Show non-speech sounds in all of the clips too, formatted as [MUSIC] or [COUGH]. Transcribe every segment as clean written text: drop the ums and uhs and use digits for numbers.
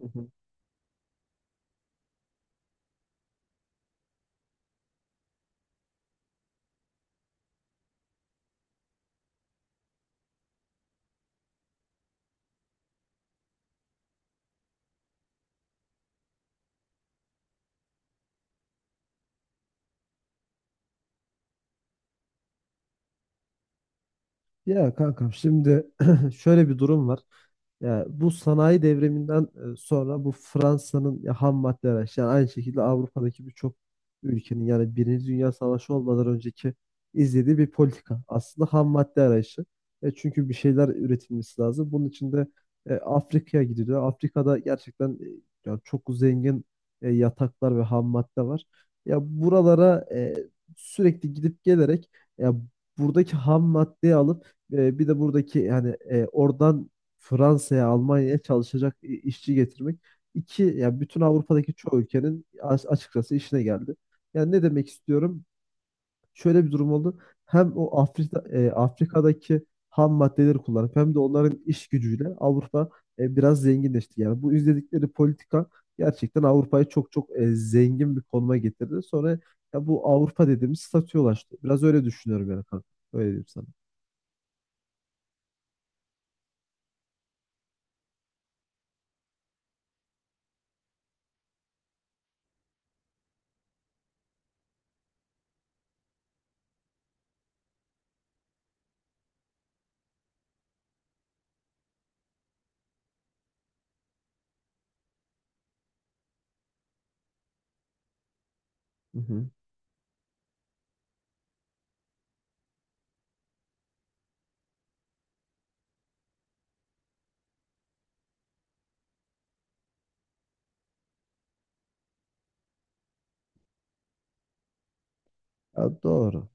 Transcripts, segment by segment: Hı hı. Ya kankam şimdi [CLEARS THROAT] şöyle bir durum var. Ya bu sanayi devriminden sonra bu Fransa'nın ya ham madde araç yani aynı şekilde Avrupa'daki birçok ülkenin yani Birinci Dünya Savaşı olmadan önceki izlediği bir politika. Aslında ham madde arayışı. Çünkü bir şeyler üretilmesi lazım. Bunun için de Afrika'ya gidiliyor. Afrika'da gerçekten ya çok zengin yataklar ve ham madde var. Ya buralara sürekli gidip gelerek ya buradaki ham maddeyi alıp bir de buradaki yani oradan Fransa'ya, Almanya'ya çalışacak işçi getirmek iki ya bütün Avrupa'daki çoğu ülkenin açıkçası işine geldi. Yani ne demek istiyorum? Şöyle bir durum oldu. Hem o Afrika'daki ham maddeleri kullanıp hem de onların iş gücüyle Avrupa biraz zenginleşti. Yani bu izledikleri politika gerçekten Avrupa'yı çok çok zengin bir konuma getirdi. Sonra ya bu Avrupa dediğimiz statüye ulaştı. Biraz öyle düşünüyorum yani kanka. Öyle diyeyim sana. Hı hı. Ya doğru.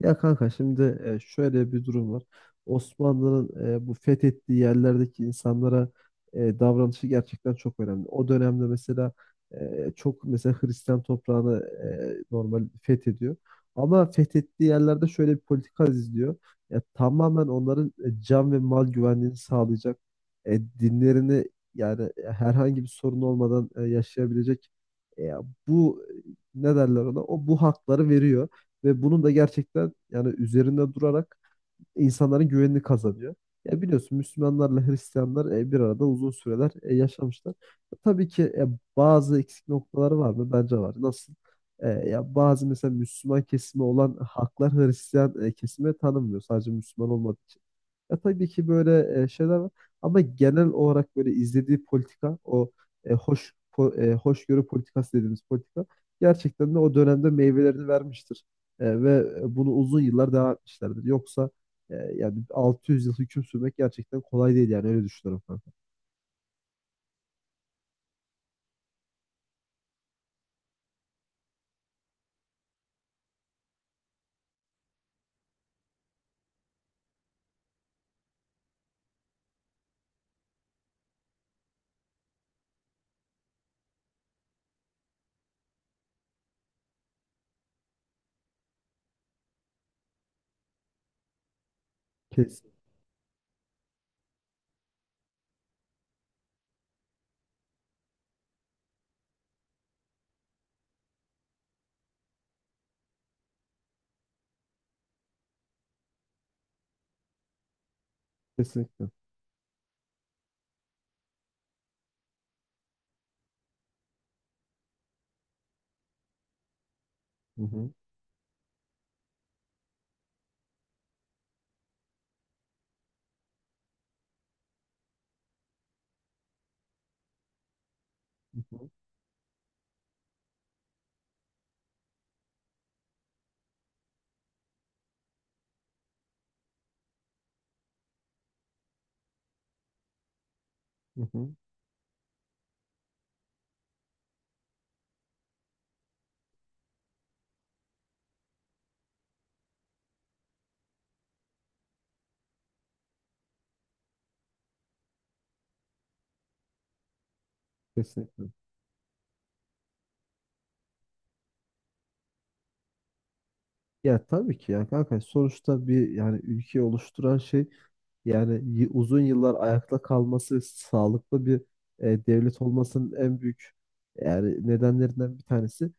Ya kanka şimdi şöyle bir durum var. Osmanlı'nın bu fethettiği yerlerdeki insanlara davranışı gerçekten çok önemli. O dönemde mesela çok mesela Hristiyan toprağını normal fethediyor. Ama fethettiği yerlerde şöyle bir politika izliyor. Ya, tamamen onların can ve mal güvenliğini sağlayacak. Dinlerini yani herhangi bir sorun olmadan yaşayabilecek. E, bu ne derler ona? O bu hakları veriyor. Ve bunun da gerçekten yani üzerinde durarak insanların güvenini kazanıyor. Ya biliyorsun Müslümanlarla Hristiyanlar bir arada uzun süreler yaşamışlar. Tabii ki bazı eksik noktaları var mı? Bence var. Nasıl? Ya bazı mesela Müslüman kesimi olan haklar Hristiyan kesime tanınmıyor. Sadece Müslüman olmadığı için. Ya tabii ki böyle şeyler var ama genel olarak böyle izlediği politika o hoşgörü politikası dediğimiz politika gerçekten de o dönemde meyvelerini vermiştir. Ve bunu uzun yıllar devam etmişlerdir. Yoksa yani 600 yıl hüküm sürmek gerçekten kolay değil yani öyle düşünüyorum kanka. Kes, kesinlikle. Hı hı, hı hı, hı hı, kesinlikle. Ya tabii ki yani kanka sonuçta bir yani ülke oluşturan şey, yani uzun yıllar ayakta kalması, sağlıklı bir devlet olmasının en büyük yani nedenlerinden bir tanesi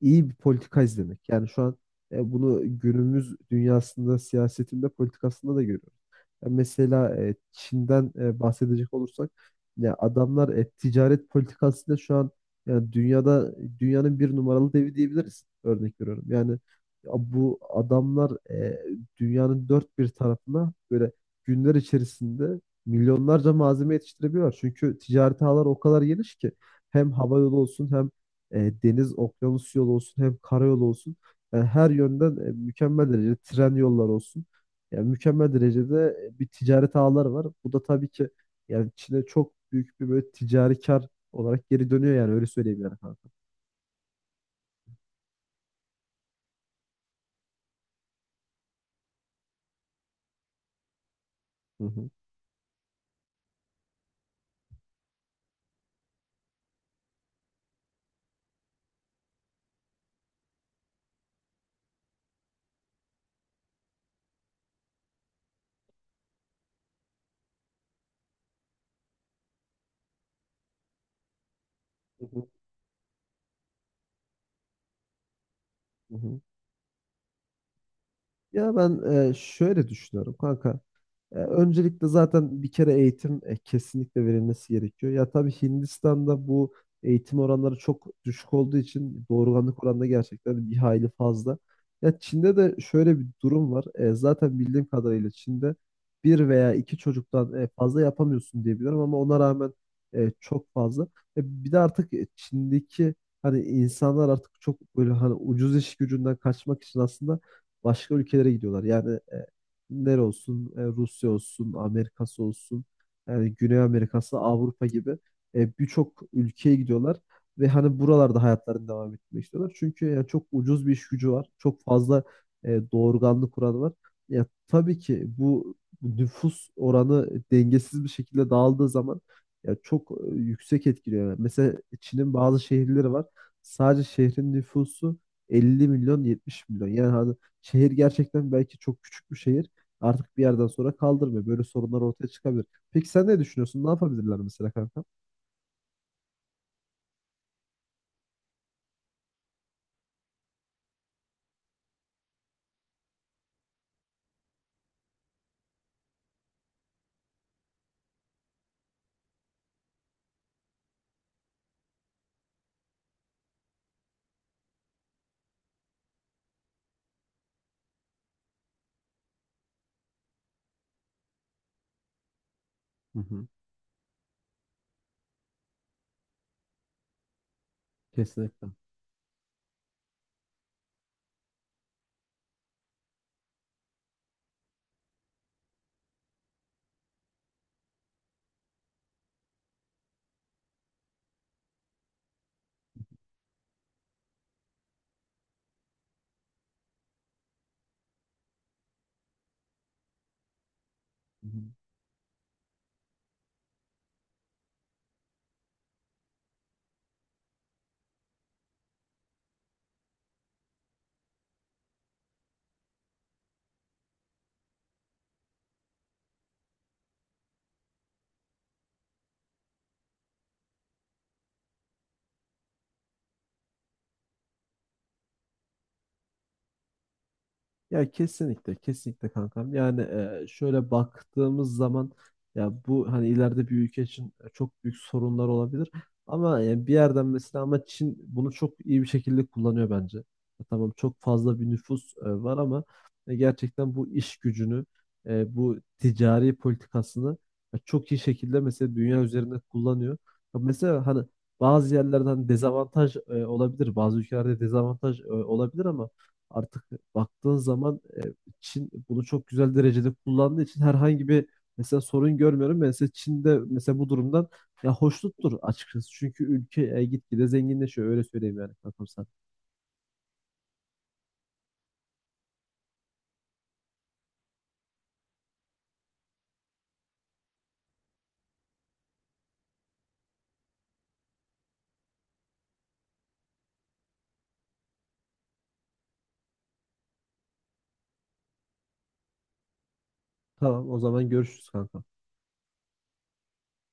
iyi bir politika izlemek. Yani şu an bunu günümüz dünyasında, siyasetinde, politikasında da görüyoruz. Ya mesela Çin'den bahsedecek olursak ya adamlar ticaret politikasıyla şu an yani dünyada dünyanın bir numaralı devi diyebiliriz. Örnek veriyorum. Yani ya bu adamlar dünyanın dört bir tarafına böyle günler içerisinde milyonlarca malzeme yetiştirebiliyorlar. Çünkü ticaret ağları o kadar geniş ki hem hava yolu olsun hem deniz okyanus yolu olsun hem karayolu olsun. Yani her yönden mükemmel derecede tren yolları olsun. Yani mükemmel derecede bir ticaret ağları var. Bu da tabii ki yani Çin'e çok büyük bir böyle ticari kar olarak geri dönüyor yani öyle söyleyeyim yani kanka. Hı hı. Hı hı. Hı hı. Ya ben şöyle düşünüyorum kanka. Öncelikle zaten bir kere eğitim kesinlikle verilmesi gerekiyor. Ya tabii Hindistan'da bu eğitim oranları çok düşük olduğu için doğurganlık oranı da gerçekten bir hayli fazla. Ya Çin'de de şöyle bir durum var. Zaten bildiğim kadarıyla Çin'de bir veya iki çocuktan fazla yapamıyorsun diye biliyorum ama ona rağmen çok fazla. Bir de artık Çin'deki hani insanlar artık çok böyle hani ucuz iş gücünden kaçmak için aslında başka ülkelere gidiyorlar. Yani Rusya olsun, Amerika'sı olsun, yani Güney Amerika'sı, Avrupa gibi birçok ülkeye gidiyorlar ve hani buralarda hayatlarını devam etmek istiyorlar. Çünkü yani çok ucuz bir iş gücü var, çok fazla doğurganlık kuralı var. Ya tabii ki bu nüfus oranı dengesiz bir şekilde dağıldığı zaman ya çok yüksek etkiliyor. Yani mesela Çin'in bazı şehirleri var. Sadece şehrin nüfusu 50 milyon 70 milyon. Yani hani şehir gerçekten belki çok küçük bir şehir artık bir yerden sonra kaldırmıyor. Böyle sorunlar ortaya çıkabilir. Peki sen ne düşünüyorsun? Ne yapabilirler mesela kanka? Hı hı. Kesinlikle. Hı hı. Ya kesinlikle, kesinlikle kankam. Yani şöyle baktığımız zaman ya bu hani ileride bir ülke için çok büyük sorunlar olabilir. Ama yani bir yerden mesela ama Çin bunu çok iyi bir şekilde kullanıyor bence. Ya tamam çok fazla bir nüfus var ama gerçekten bu iş gücünü, bu ticari politikasını çok iyi şekilde mesela dünya üzerinde kullanıyor. Ya mesela hani bazı yerlerden dezavantaj olabilir, bazı ülkelerde dezavantaj olabilir ama artık baktığın zaman Çin bunu çok güzel derecede kullandığı için herhangi bir mesela sorun görmüyorum. Ben mesela Çin'de mesela bu durumdan ya hoşnuttur açıkçası. Çünkü ülke gitgide zenginleşiyor öyle söyleyeyim yani kankam sana. Tamam o zaman görüşürüz kankam.